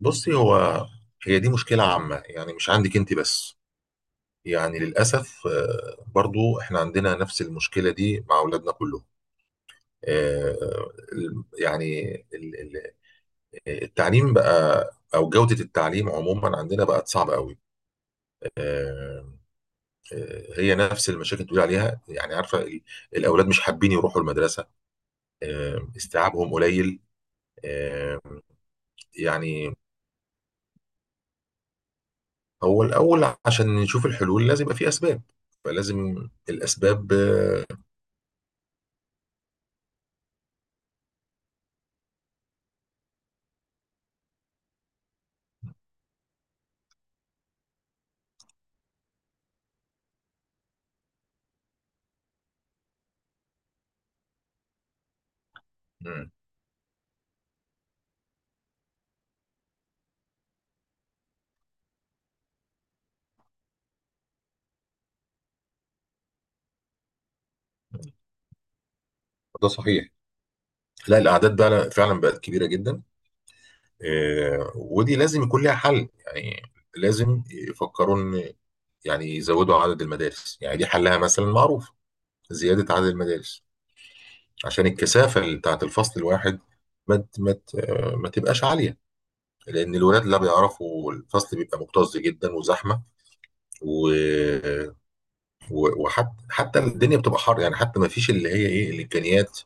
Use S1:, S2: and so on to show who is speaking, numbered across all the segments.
S1: بصي، هي دي مشكلة عامة، يعني مش عندك انت بس. يعني للأسف، برضو احنا عندنا نفس المشكلة دي مع أولادنا كلهم. آه، ال- يعني ال- ال- التعليم بقى، أو جودة التعليم عموما عندنا بقت صعبة قوي. آه، هي نفس المشاكل اللي بتقول عليها، يعني عارفة الأولاد مش حابين يروحوا المدرسة. استيعابهم قليل. آه، يعني هو الأول عشان نشوف الحلول لازم يبقى في أسباب، فلازم الأسباب. مم. ده صحيح. لا، الاعداد بقى فعلا بقت كبيره جدا. ودي لازم يكون لها حل، يعني لازم يفكروا ان، يعني يزودوا عدد المدارس. يعني دي حلها مثلا معروف: زياده عدد المدارس، عشان الكثافه اللي بتاعت الفصل الواحد ما ت- ما ت- آه، ما تبقاش عاليه، لان الولاد لا بيعرفوا، الفصل بيبقى مكتظ جدا وزحمه، و... وحتى الدنيا بتبقى حر. يعني حتى ما فيش اللي هي ايه، الامكانيات،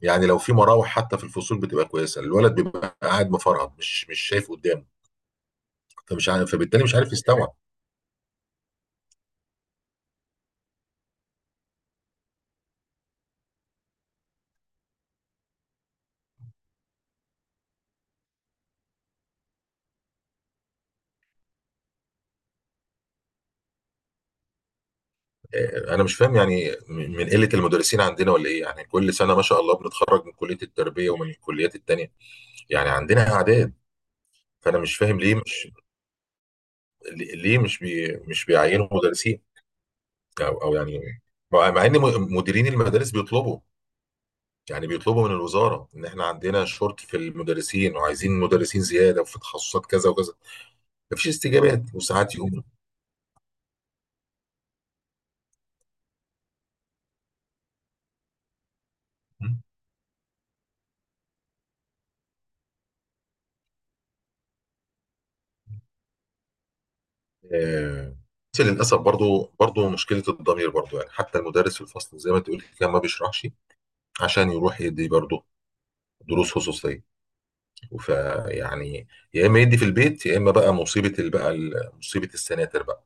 S1: يعني لو في مراوح حتى في الفصول بتبقى كويسه، الولد بيبقى قاعد مفرهد، مش شايف قدامه، فمش عارف، فبالتالي مش عارف يستوعب. انا مش فاهم، يعني من قله المدرسين عندنا ولا ايه؟ يعني كل سنه، ما شاء الله، بنتخرج من كليه التربيه ومن الكليات التانيه، يعني عندنا اعداد. فانا مش فاهم ليه مش، ليه مش بيعينوا مدرسين، او او يعني، مع ان مديرين المدارس بيطلبوا، يعني بيطلبوا من الوزاره ان احنا عندنا شورت في المدرسين وعايزين مدرسين زياده وفي تخصصات كذا وكذا، مفيش استجابات. وساعات يقوم، آه، بس للاسف، برضو مشكله الضمير، برضو يعني حتى المدرس في الفصل زي ما تقول كده ما بيشرحش عشان يروح يدي برضو دروس خصوصيه. فيعني يا اما يدي في البيت، يا اما بقى مصيبه مصيبه السناتر بقى.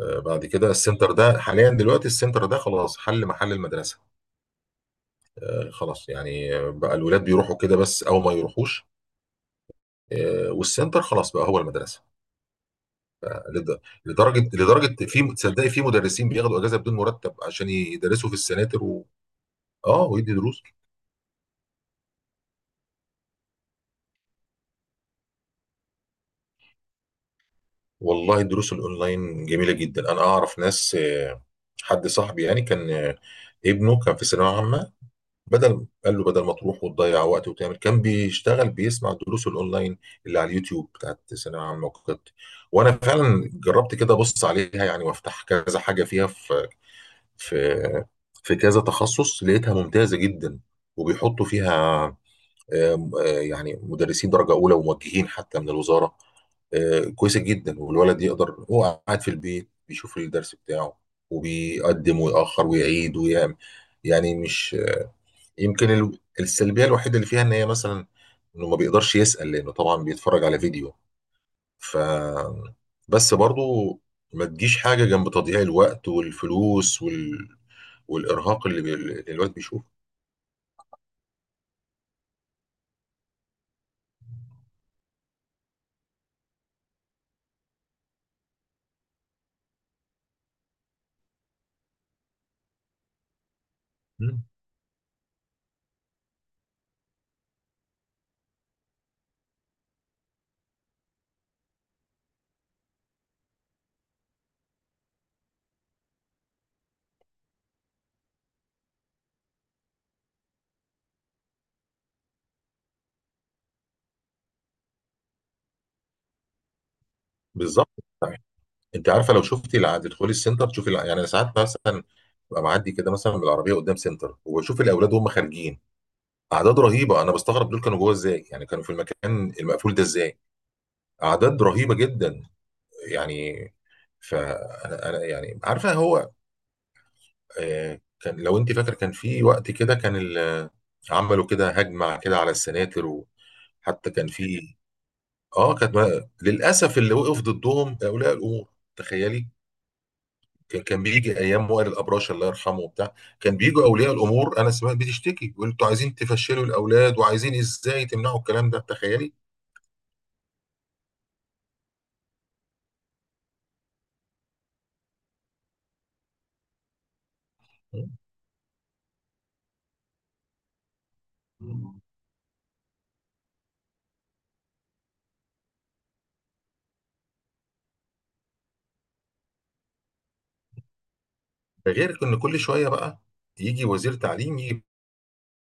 S1: بعد كده السنتر ده حاليا، دلوقتي السنتر ده خلاص حل محل المدرسه. خلاص يعني، بقى الولاد بيروحوا كده بس او ما يروحوش. والسنتر خلاص بقى هو المدرسه. لد- لدرجه لدرجه، في، تصدقي، في مدرسين بياخدوا اجازه بدون مرتب عشان يدرسوا في السناتر اه، ويدي دروس. والله الدروس الاونلاين جميله جدا. انا اعرف ناس، حد صاحبي يعني، كان ابنه كان في ثانويه عامه، قال له بدل ما تروح وتضيع وقت وتعمل، كان بيشتغل بيسمع الدروس الاونلاين اللي على اليوتيوب بتاعت ثانويه عامه وكده. وانا فعلا جربت كده، ابص عليها يعني، وافتح كذا حاجه فيها، في في في كذا تخصص، لقيتها ممتازة جدا. وبيحطوا فيها يعني مدرسين درجة أولى وموجهين حتى من الوزارة. كويسة جدا، والولد يقدر هو قاعد في البيت بيشوف الدرس بتاعه، وبيقدم ويأخر ويعيد ويعمل. يعني مش، يمكن السلبية الوحيدة اللي فيها إن هي مثلا إنه ما بيقدرش يسأل، لأنه طبعا بيتفرج على فيديو. ف بس برضو، ما تجيش حاجة جنب تضييع الوقت والفلوس والإرهاق اللي الوقت بيشوفه. مم. بالظبط. انت عارفة، لو شفتي تدخلي السنتر تشوفي يعني ساعات مثلا ببقى معدي كده مثلا بالعربية قدام سنتر، وبشوف الأولاد وهم خارجين، أعداد رهيبة. أنا بستغرب دول كانوا جوه إزاي؟ يعني كانوا في المكان المقفول ده إزاي؟ أعداد رهيبة جدا، يعني. فأنا يعني عارفة، هو كان، لو انت فاكر، كان في وقت كده كان عملوا كده هجمة كده على السناتر. وحتى كان في، اه، كانت للاسف اللي وقف ضدهم اولياء الامور، تخيلي. كان بيجي ايام وائل الابراش، الله يرحمه، وبتاع، كان بيجوا اولياء الامور، انا سمعت بتشتكي، بيقول انتوا عايزين تفشلوا الاولاد، وعايزين ازاي تمنعوا الكلام ده، تخيلي. ده غير ان كل شويه بقى يجي وزير تعليم،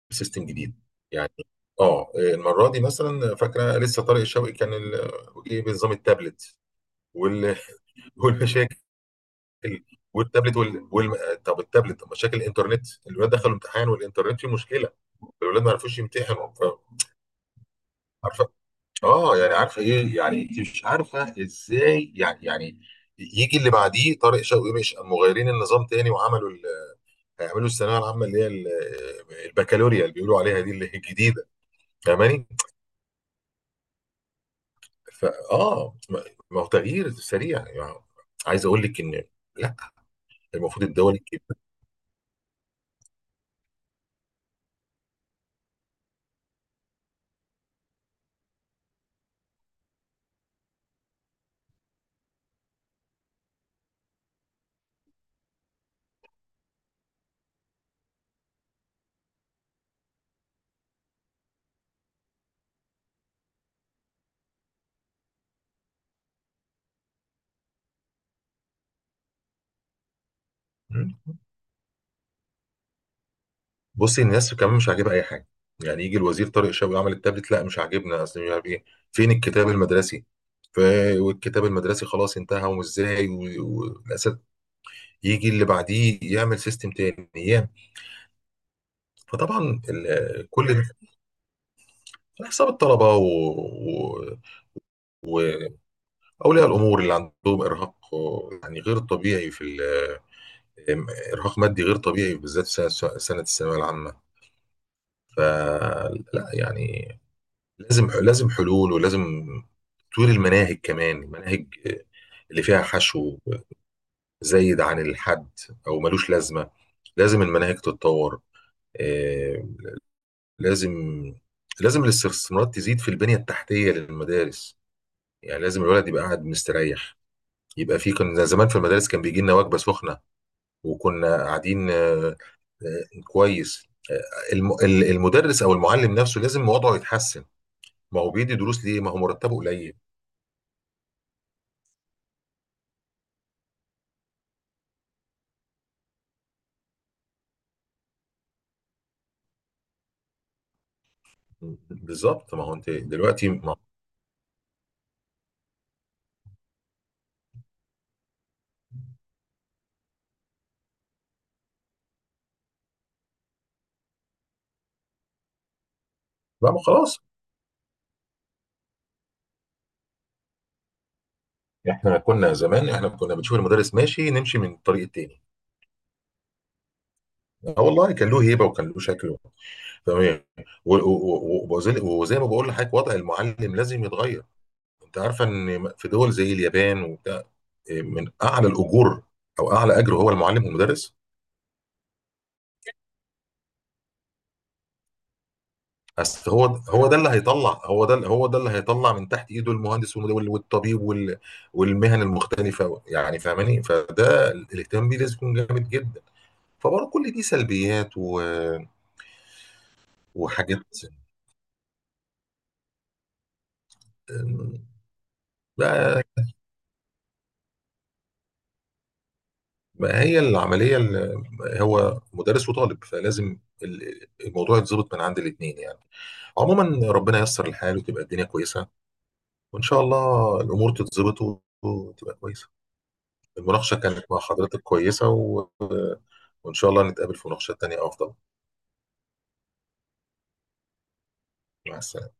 S1: سيستم جديد، يعني. اه، المره دي مثلا، فاكره لسه طارق الشوقي كان جه بنظام التابلت وال- والمشاكل. والتابلت طب التابلت، طب مشاكل الانترنت، الولاد دخلوا امتحان والانترنت فيه مشكله، الولاد ما عرفوش يمتحنوا، عارفه، اه، يعني عارفه ايه، يعني انت مش عارفه ازاي، يعني يجي اللي بعديه طارق شوقي، مش مغيرين النظام تاني وعملوا هيعملوا الثانويه العامه اللي هي البكالوريا اللي بيقولوا عليها دي، اللي هي الجديده، فاهماني؟ فا اه ما ما هو تغيير سريع يعني. عايز اقول لك ان، لا، المفروض الدول الكبيره. مم. بصي، الناس كمان مش عاجبها اي حاجه. يعني يجي الوزير طارق شوقي عمل التابلت، لا مش عاجبنا، اصل مش عارف ايه، فين الكتاب المدرسي؟ ف... والكتاب المدرسي خلاص انتهى، وازاي، والاسد، يجي اللي بعديه يعمل سيستم تاني، فطبعا كل ده على حساب الطلبه و... اولياء الامور، اللي عندهم ارهاق يعني غير طبيعي، في ارهاق مادي غير طبيعي، بالذات في سنة الثانويه العامه. فلا يعني، لازم حلول، ولازم تطوير المناهج، كمان المناهج اللي فيها حشو زايد عن الحد او ملوش لازمه، لازم المناهج تتطور. آه، لازم، لازم الاستثمارات تزيد في البنيه التحتيه للمدارس. يعني لازم الولد يبقى قاعد مستريح، يبقى في. كان زمان في المدارس كان بيجي لنا وجبه سخنه، وكنا قاعدين، كويس. المدرس او المعلم نفسه لازم وضعه يتحسن. ما هو بيدي دروس ليه؟ ما هو مرتبه قليل. بالظبط، ما هو انت دلوقتي، ما، لا، ما خلاص، احنا كنا زمان، احنا كنا بنشوف المدرس ماشي نمشي من الطريق التاني. اه والله، كان له هيبه وكان له شكل. تمام. و- و- وزي ما بقول لحضرتك، وضع المعلم لازم يتغير. انت عارفه ان في دول زي اليابان وبتاع، إيه، من اعلى الاجور، او اعلى اجر، هو المعلم والمدرس. أصل هو ده اللي هيطلع، هو ده اللي هيطلع من تحت ايده المهندس والطبيب والمهن المختلفه، يعني فاهماني؟ فده الاهتمام بيه لازم يكون جامد جدا. فبرضه كل دي سلبيات وحاجات. أم، بقى بقى هي العمليه، اللي هو مدرس وطالب، فلازم الموضوع يتظبط من عند الاثنين، يعني. عموما، ربنا ييسر الحال، وتبقى الدنيا كويسه، وان شاء الله الامور تتظبط وتبقى كويسه. المناقشة كانت مع حضرتك كويسة، وإن شاء الله نتقابل في مناقشات تانية أفضل. مع السلامة.